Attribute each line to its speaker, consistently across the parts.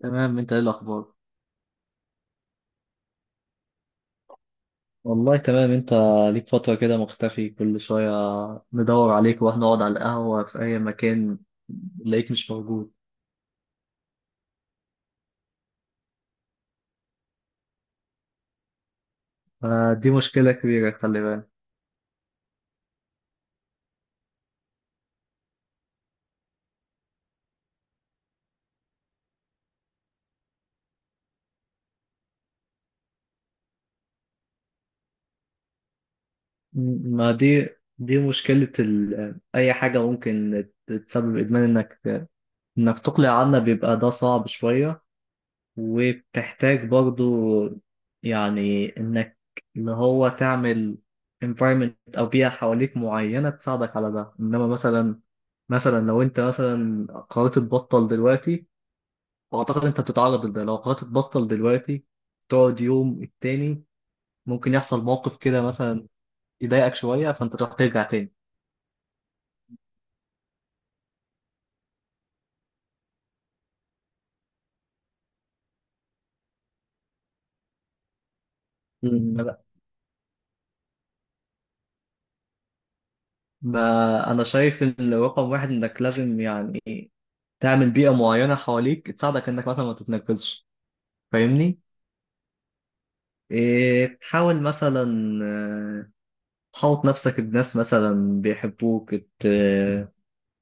Speaker 1: تمام. انت ايه الاخبار؟ والله تمام. انت ليك فترة كده مختفي، كل شوية ندور عليك واحنا نقعد على القهوة في اي مكان نلاقيك مش موجود. فدي مشكلة كبيرة، خلي بالك. م- ما دي دي مشكلة اي حاجة ممكن تسبب ادمان، انك انك تقلع عنا بيبقى ده صعب شوية، وبتحتاج برضو يعني انك اللي هو تعمل environment او بيئة حواليك معينة تساعدك على ده. انما مثلا، لو انت مثلا قررت تبطل دلوقتي، واعتقد انت بتتعرض لده، لو قررت تبطل دلوقتي تقعد يوم التاني ممكن يحصل موقف كده مثلا يضايقك شوية فانت تروح ترجع تاني. مم. ما لا، ما انا شايف ان رقم واحد انك لازم يعني تعمل بيئة معينة حواليك تساعدك انك مثلا ما تتنرفزش. فاهمني؟ إيه، تحاول مثلا، آه، تحوط نفسك بناس مثلا بيحبوك، ت-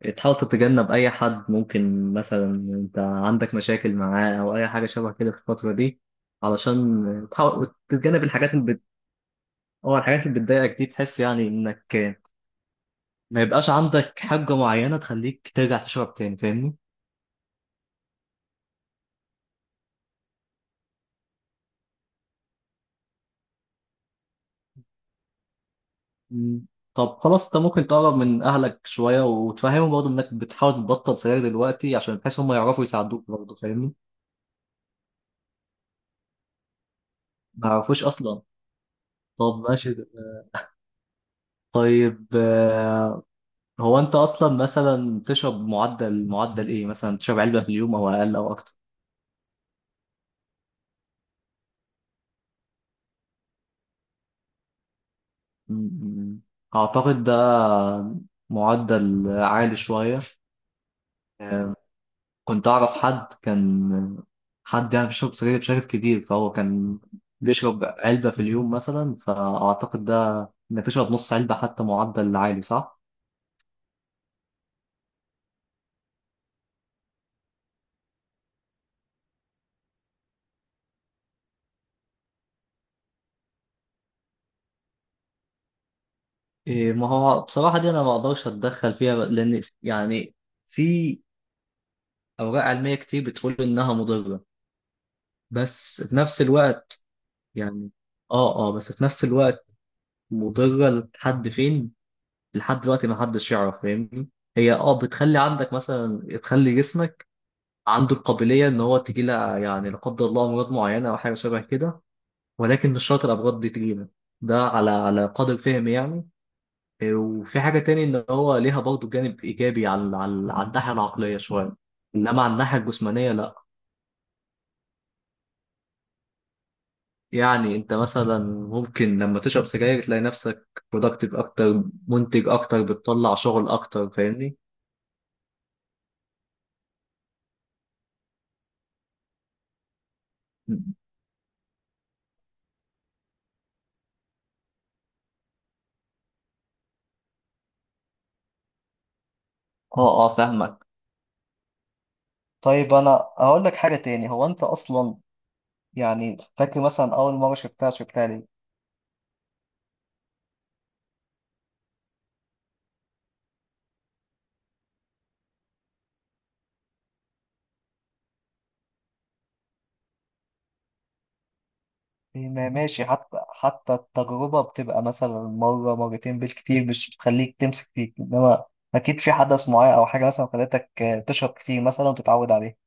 Speaker 1: آه، تحاول تتجنب أي حد ممكن مثلا أنت عندك مشاكل معاه أو أي حاجة شبه كده في الفترة دي، علشان تحاول تتجنب الحاجات أو الحاجات اللي بتضايقك دي، تحس يعني إنك، ما يبقاش عندك حاجة معينة تخليك ترجع تشرب تاني. فاهمني؟ مم. طب خلاص، أنت ممكن تقرب من أهلك شوية وتفهمهم برضه إنك بتحاول تبطل سجاير دلوقتي، عشان بحيث هم يعرفوا يساعدوك برضه. فاهمني؟ ما اعرفوش اصلا؟ طب ماشي ده. طيب، هو انت اصلا مثلا تشرب معدل، ايه مثلا؟ تشرب علبة في اليوم او اقل او اكتر؟ م- م- اعتقد ده معدل عالي شوية. آه، كنت اعرف حد حد يعني بيشرب سجاير بشكل كبير، فهو كان بيشرب علبة في اليوم مثلا. فاعتقد ده، انك تشرب نص علبة، حتى معدل عالي. صح؟ إيه، ما هو بصراحة دي أنا ما أقدرش أتدخل فيها، لأن يعني في أوراق علمية كتير بتقول إنها مضرة، بس في نفس الوقت يعني، بس في نفس الوقت مضرة لحد فين؟ لحد دلوقتي ما حدش يعرف. فاهمني؟ هي آه بتخلي عندك مثلا، تخلي جسمك عنده القابلية إن هو تجيله يعني لا قدر الله أمراض معينة أو حاجة شبه كده، ولكن مش شرط الأمراض دي تجيله. ده على قدر فهمي يعني. وفي حاجة تاني، إن هو ليها برضه جانب إيجابي على على الناحية العقلية شوية، إنما على الناحية الجسمانية لأ. يعني انت مثلا ممكن لما تشرب سجاير تلاقي نفسك productive اكتر، منتج اكتر، بتطلع شغل اكتر. فاهمني؟ اه فاهمك. طيب انا هقول لك حاجه تاني. هو انت اصلا يعني فاكر مثلا اول مره شربتها، شربتها ليه؟ إيه، ماشي. حتى التجربه بتبقى مثلا مره مرتين بالكتير، مش بتخليك تمسك فيك. انما اكيد في حدث معين او حاجه مثلا خلتك، تشرب كتير مثلا وتتعود عليه.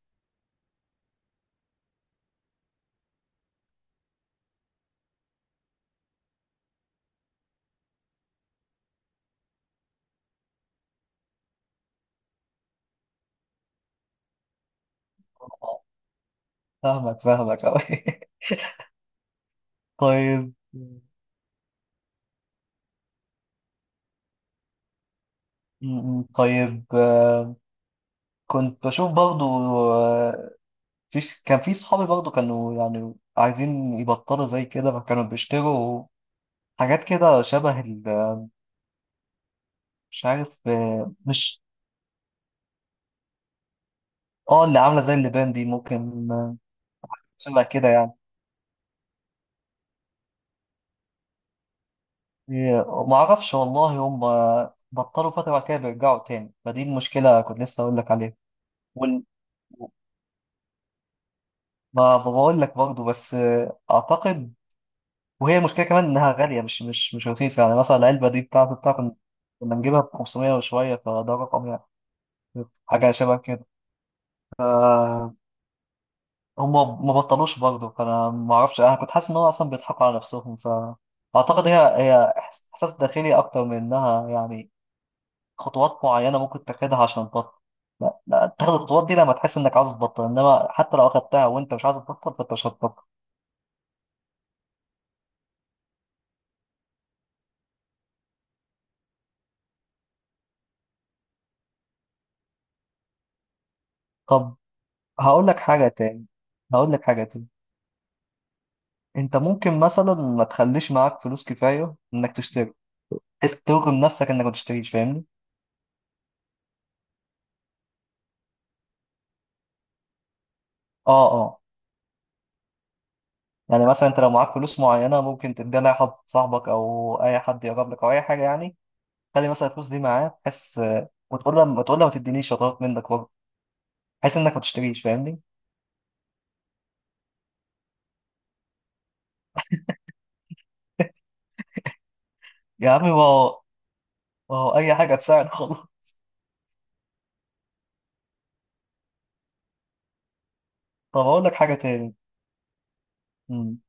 Speaker 1: آه، فاهمك، فاهمك أوي. طيب طيب كنت بشوف برضو، آه، في كان في صحابي برضو كانوا يعني عايزين يبطلوا زي كده، فكانوا بيشتروا حاجات كده شبه مش عارف، آه، مش اه، اللي عاملة زي اللبان دي، ممكن، شبه كده يعني. معرفش والله. هم بطلوا فترة، بعد كده بيرجعوا تاني. فدي المشكلة كنت لسه أقول لك عليها. وال... ما بقول لك برضو، بس آه، أعتقد وهي المشكله كمان انها غاليه، مش مش رخيصه، يعني مثلا العلبه دي بتاعت بتاع كنا كنا نجيبها ب 500 وشويه، فده رقم يعني، حاجه شبه كده. آه، هم ما بطلوش برضه، فانا ما اعرفش. انا كنت حاسس ان هو اصلا بيضحكوا على نفسهم. فاعتقد هي احساس داخلي اكتر من انها يعني خطوات معينه ممكن تاخدها عشان تبطل. لا، تاخد الخطوات دي لما تحس انك عايز تبطل، انما حتى لو اخدتها وانت مش عايز تبطل، فانت مش هتبطل. طب هقول لك حاجه تاني. هقول لك حاجه تاني. انت ممكن مثلا ما تخليش معاك فلوس كفايه انك تشتري، بحيث ترغم نفسك انك ما تشتريش. فاهمني؟ اه اه يعني مثلا انت لو معاك فلوس معينه، ممكن تديها لاي حد، صاحبك او اي حد يقرب لك او اي حاجه يعني، خلي مثلا الفلوس دي معاه، بحيث، وتقول له، ما تدينيش شطات منك برضه، بحيث انك ما تشتريش. فاهمني؟ يا عمي ما هو اي حاجه تساعد خلاص. طب اقول لك حاجه تاني. مم.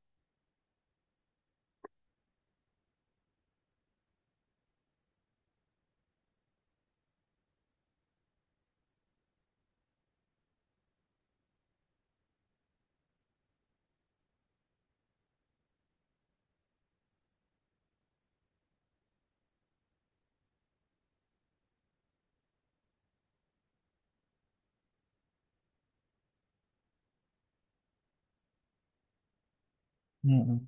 Speaker 1: مم.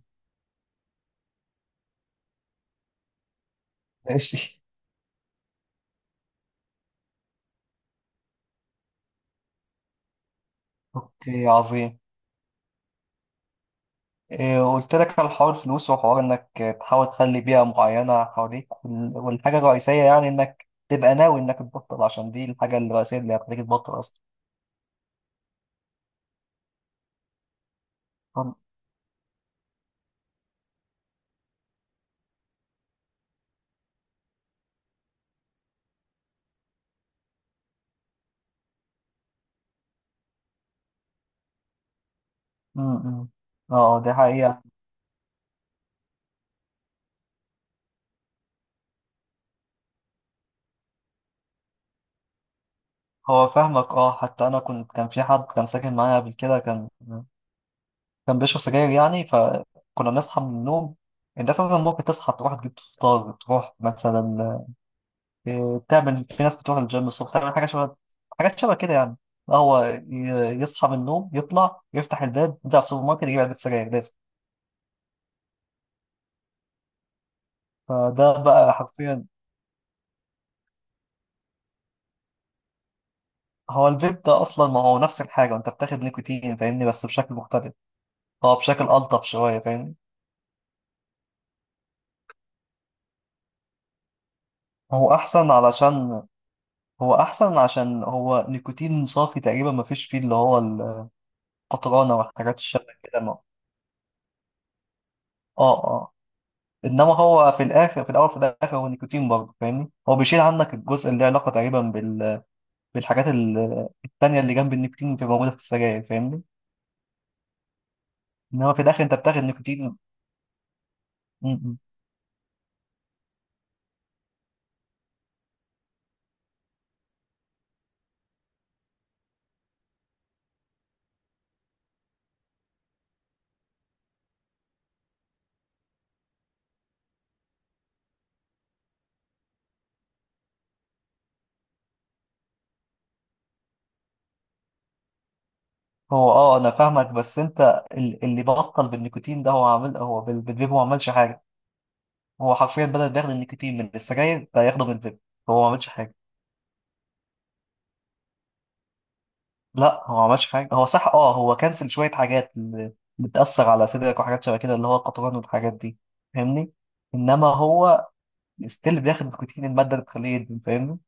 Speaker 1: ماشي، اوكي، عظيم. إيه، قلت لك على حوار الفلوس، وحوار انك تحاول تخلي بيئة معينة حواليك، والحاجة الرئيسية يعني انك تبقى ناوي انك تبطل، عشان دي الحاجة الرئيسية اللي هتخليك تبطل اصلا. أم- أم. اه، دي حقيقة. هو فاهمك. اه، حتى انا كنت، كان في حد كان ساكن معايا قبل كده، كان بيشرب سجاير يعني، فكنا بنصحى من النوم. انت اساسا ممكن تصحى تروح تجيب فطار، تروح مثلا، إيه، تعمل، في ناس بتروح الجيم الصبح، تعمل حاجة حاجات شبه كده يعني. لا، هو يصحى من النوم يطلع يفتح الباب ينزل على السوبر ماركت يجيب علبة سجاير لازم. فده بقى حرفيا. هو الفيب ده أصلا ما هو نفس الحاجة، وأنت بتاخد نيكوتين، فاهمني، بس بشكل مختلف. هو بشكل ألطف شوية، فاهمني. هو أحسن علشان هو أحسن عشان هو نيكوتين صافي تقريبا، ما فيش فيه اللي هو القطرانة والحاجات الشبه كده. اه اه انما هو في الاخر، في الاخر هو نيكوتين برضه، فاهمني. هو بيشيل عنك الجزء اللي له علاقه تقريبا بالحاجات التانيه اللي جنب النيكوتين بتبقى موجوده في السجاير، فاهمني. انما في الاخر انت بتاخد نيكوتين. م- م. هو اه، انا فاهمك، بس انت اللي بطل بالنيكوتين ده، هو عامل، هو بالفيب، هو ما عملش حاجه. هو حرفيا بدل ما ياخد النيكوتين من السجاير ده، ياخده من الفيب. هو ما عملش حاجه. لا، هو ما عملش حاجه. هو صح، اه، هو كنسل شويه حاجات اللي بتاثر على صدرك وحاجات شبه كده، اللي هو القطران والحاجات دي، فاهمني. انما هو ستيل بياخد نيكوتين، الماده اللي بتخليه يدمن، فاهمني.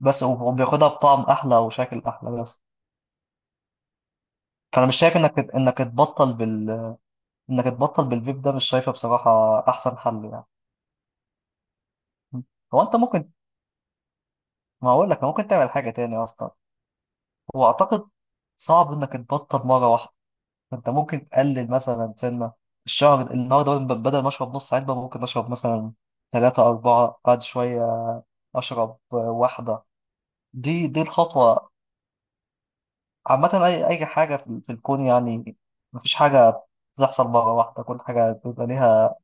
Speaker 1: بس هو بياخدها بطعم احلى وشكل احلى بس. فانا مش شايف انك تبطل بالفيب ده. مش شايفه بصراحه احسن حل يعني. هو انت ممكن، ما هقول لك ممكن تعمل حاجه تاني اصلا. هو اعتقد صعب انك تبطل مره واحده. انت ممكن تقلل مثلا سنه، الشهر النهارده بدل ما اشرب نص علبه، ممكن اشرب مثلا ثلاثة أربعة، بعد شوية أشرب واحدة. دي الخطوة. عامة أي حاجة في الكون يعني، مفيش حاجة بتحصل مرة واحدة، كل حاجة بيبقى ليها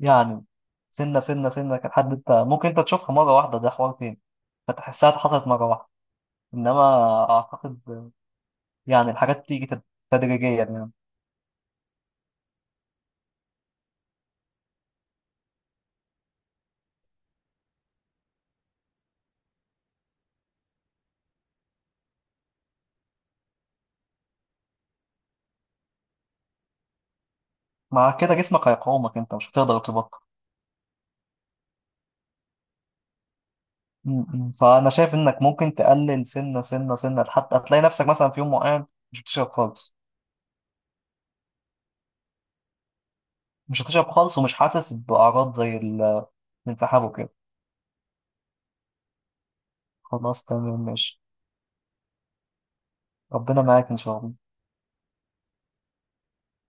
Speaker 1: يعني سنة، سنة، لحد أنت ممكن أنت تشوفها مرة واحدة، ده حوار تاني، فتحسها حصلت مرة واحدة. إنما أعتقد يعني الحاجات بتيجي تدريجيا يعني. مع كده جسمك هيقاومك، أنت مش هتقدر تبطل. م- م. فأنا شايف إنك ممكن تقلل سنة، سنة، حتى هتلاقي نفسك مثلا في يوم معين مش بتشرب خالص. مش هتشرب خالص، ومش حاسس بأعراض زي الانسحاب وكده. خلاص، تمام، ماشي. ربنا معاك إن شاء الله.